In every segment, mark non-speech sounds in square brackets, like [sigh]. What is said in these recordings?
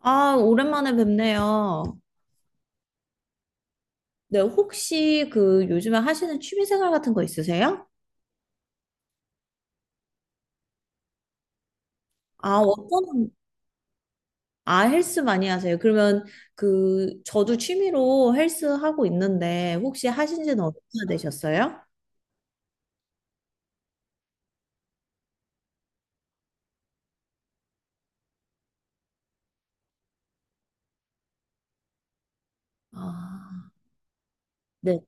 아, 오랜만에 뵙네요. 네, 혹시 그 요즘에 하시는 취미생활 같은 거 있으세요? 아, 어떤, 아, 헬스 많이 하세요? 그러면 그, 저도 취미로 헬스 하고 있는데, 혹시 하신 지는 얼마나 되셨어요? 아, 네.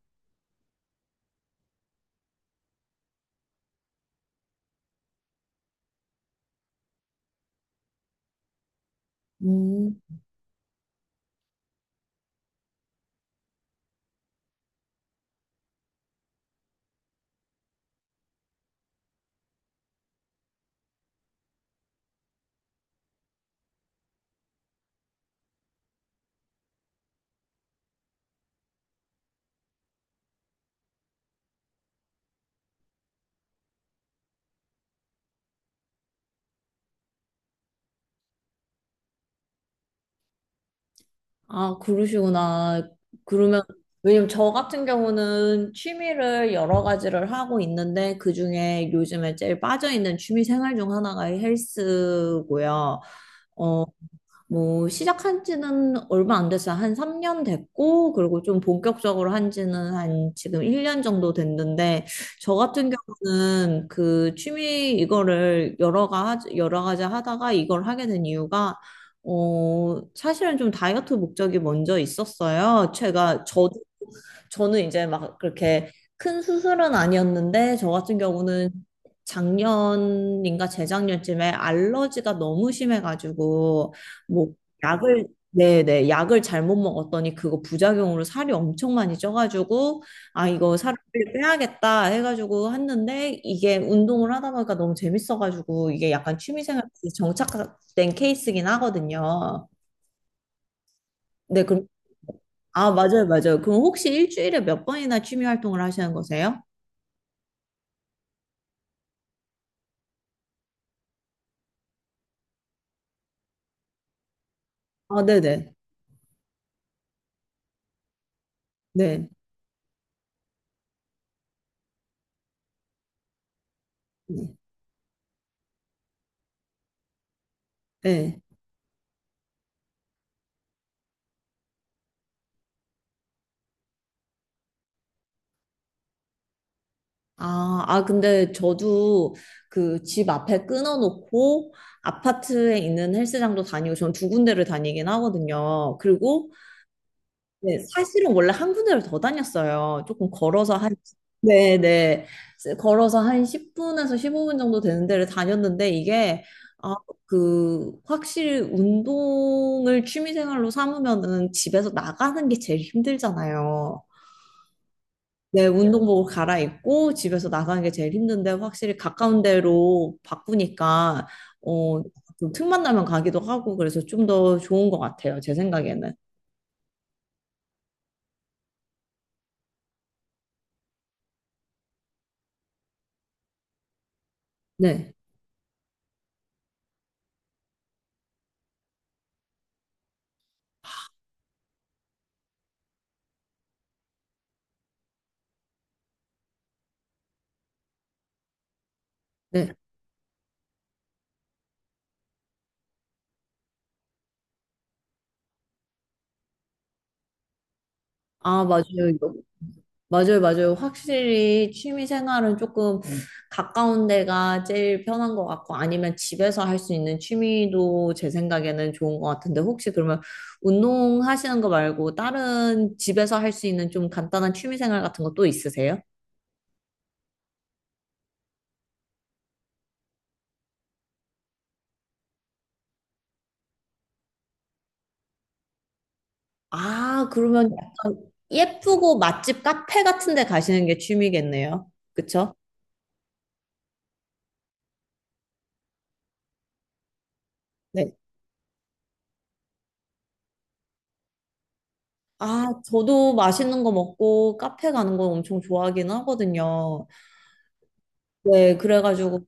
음, 아, 그러시구나. 그러면, 왜냐면 저 같은 경우는 취미를 여러 가지를 하고 있는데, 그 중에 요즘에 제일 빠져있는 취미생활 중 하나가 헬스고요. 어, 뭐 시작한 지는 얼마 안 됐어요. 한 3년 됐고, 그리고 좀 본격적으로 한 지는 한 지금 1년 정도 됐는데, 저 같은 경우는 그 취미 이거를 여러 가지 하다가 이걸 하게 된 이유가, 어, 사실은 좀 다이어트 목적이 먼저 있었어요. 제가, 저도 저는 이제 막 그렇게 큰 수술은 아니었는데, 저 같은 경우는 작년인가 재작년쯤에 알러지가 너무 심해가지고, 뭐, 약을, 네네, 약을 잘못 먹었더니 그거 부작용으로 살이 엄청 많이 쪄가지고, 아, 이거 살을 빼야겠다 해가지고 했는데, 이게 운동을 하다 보니까 너무 재밌어가지고, 이게 약간 취미생활 그 정착된 케이스긴 하거든요. 네, 그럼, 아, 맞아요, 맞아요. 그럼 혹시 일주일에 몇 번이나 취미 활동을 하시는 거세요? 아, 네네. 네. 네. 네. 아, 아, 근데 저도 그 집 앞에 끊어놓고 아파트에 있는 헬스장도 다니고 전 두 군데를 다니긴 하거든요. 그리고 네, 사실은 원래 한 군데를 더 다녔어요. 조금 걸어서 한, 네네. 걸어서 한 10분에서 15분 정도 되는 데를 다녔는데 이게 아, 그 확실히 운동을 취미생활로 삼으면은 집에서 나가는 게 제일 힘들잖아요. 네, 운동복을 갈아입고 집에서 나가는 게 제일 힘든데 확실히 가까운 데로 바꾸니까 어, 좀 틈만 나면 가기도 하고 그래서 좀 더 좋은 것 같아요. 제 생각에는. 네, 네. 아, 맞아요. 이거. 맞아요, 맞아요. 확실히 취미 생활은 조금 가까운 데가 제일 편한 것 같고 아니면 집에서 할 수 있는 취미도 제 생각에는 좋은 것 같은데 혹시 그러면 운동하시는 거 말고 다른 집에서 할 수 있는 좀 간단한 취미 생활 같은 거 또 있으세요? 아, 그러면 약간 예쁘고 맛집 카페 같은 데 가시는 게 취미겠네요. 그쵸? 네. 아, 저도 맛있는 거 먹고 카페 가는 거 엄청 좋아하긴 하거든요. 네, 그래가지고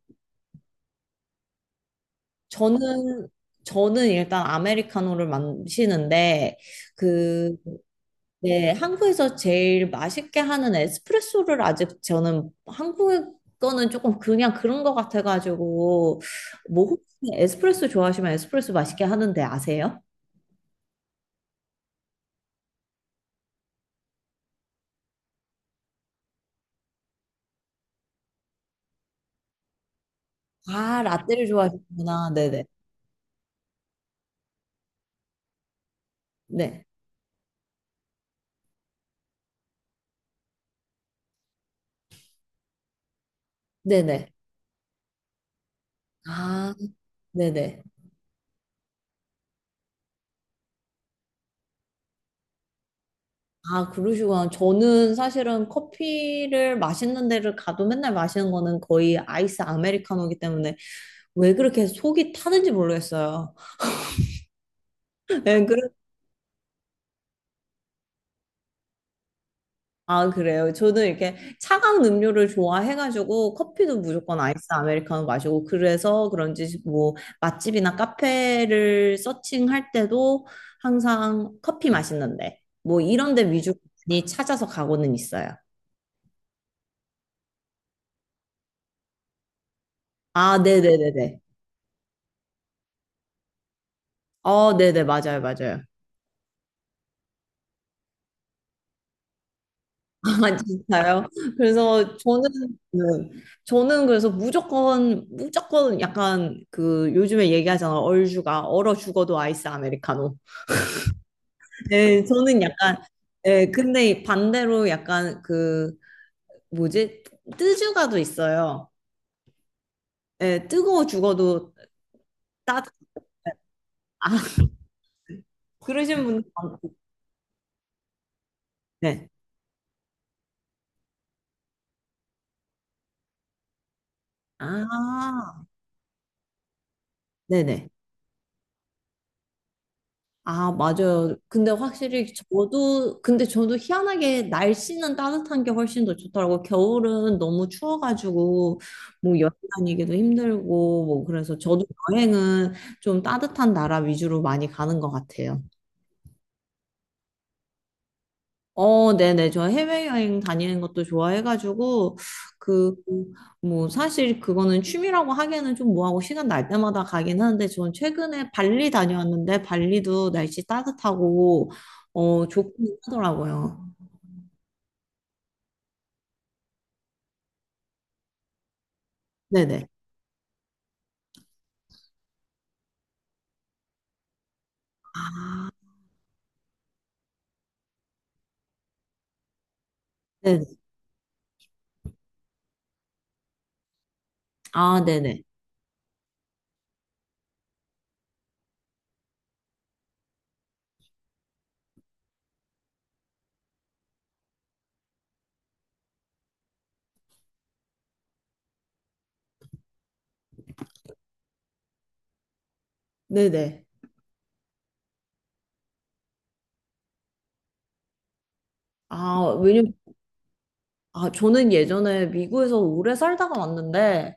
저는, 저는 일단 아메리카노를 마시는데, 그, 네, 한국에서 제일 맛있게 하는 에스프레소를 아직 저는 한국 거는 조금 그냥 그런 거 같아가지고, 뭐 혹시 에스프레소 좋아하시면 에스프레소 맛있게 하는데 아세요? 아, 라떼를 좋아하시구나. 네네. 네. 네네. 아, 네네. 아, 그러시구나. 저는 사실은 커피를 마시는 데를 가도 맨날 마시는 거는 거의 아이스 아메리카노이기 때문에 왜 그렇게 속이 타는지 모르겠어요. [laughs] 네, 아, 그래요. 저는 이렇게 차가운 음료를 좋아해가지고 커피도 무조건 아이스 아메리카노 마시고 그래서 그런지 뭐 맛집이나 카페를 서칭할 때도 항상 커피 맛있는데 뭐 이런 데 위주로 많이 찾아서 가고는 있어요. 아, 네네네네. 어, 네네, 맞아요, 맞아요. [laughs] 아, 진짜요? 그래서 저는, 네. 저는 그래서 무조건, 무조건 약간 그 요즘에 얘기하잖아. 얼죽아, 얼어 죽어도 아이스 아메리카노. 네, 저는 약간, 예, 근데 반대로 약간 그, 뭐지? 뜨주가도 있어요. 예, 뜨거워 죽어도 따뜻, 아, [laughs] 그러신 분들 많고. 네. 아, 네네. 아, 맞아요. 근데 확실히 저도, 근데 저도 희한하게 날씨는 따뜻한 게 훨씬 더 좋더라고. 겨울은 너무 추워가지고, 뭐 여행 다니기도 힘들고, 뭐 그래서 저도 여행은 좀 따뜻한 나라 위주로 많이 가는 것 같아요. 어, 네네. 저 해외여행 다니는 것도 좋아해가지고, 그, 뭐, 사실 그거는 취미라고 하기에는 좀 뭐하고 시간 날 때마다 가긴 하는데, 저는 최근에 발리 다녀왔는데, 발리도 날씨 따뜻하고, 어, 좋긴 하더라고요. 네네. 아, 네네. 아, 네네. 네네. 아, 왜냐면, 아, 저는 예전에 미국에서 오래 살다가 왔는데,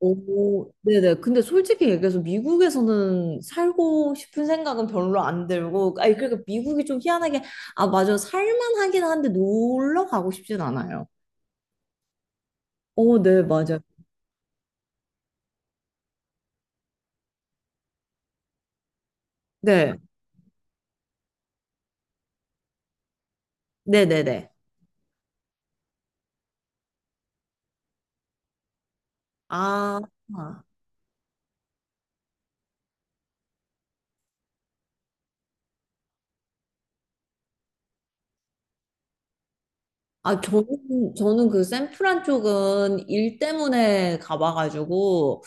오, 네네. 근데 솔직히 얘기해서 미국에서는 살고 싶은 생각은 별로 안 들고, 아니, 그러니까 미국이 좀 희한하게, 아, 맞아. 살만하긴 한데 놀러 가고 싶진 않아요. 오, 네, 맞아요. 네, 네네네. 아, 아, 아, 저는, 저는 그 샌프란 쪽은 일 때문에 가봐가지고,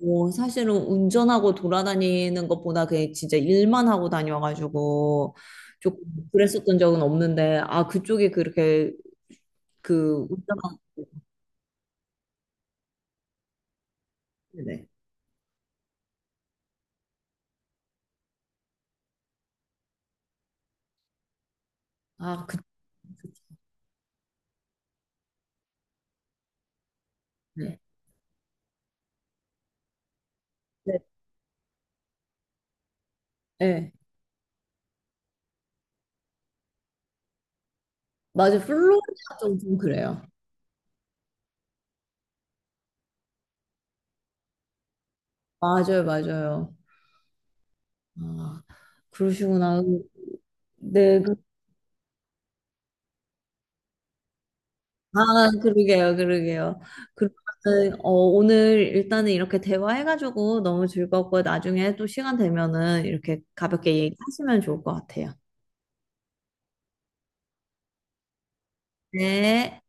뭐, 사실은 운전하고 돌아다니는 것보다 그냥 진짜 일만 하고 다녀가지고, 조금 그랬었던 적은 없는데, 아, 그쪽이 그렇게 그 운전하는 네. 아, 그 네. 네. 네. 맞아. 플로리다 쪽은 좀 그래요. 맞아요, 맞아요. 아, 그러시구나. 네. 그- 아, 그러게요, 그러게요. 그러면은 어, 오늘 일단은 이렇게 대화해가지고 너무 즐겁고 나중에 또 시간 되면은 이렇게 가볍게 얘기하시면 좋을 것 같아요. 네.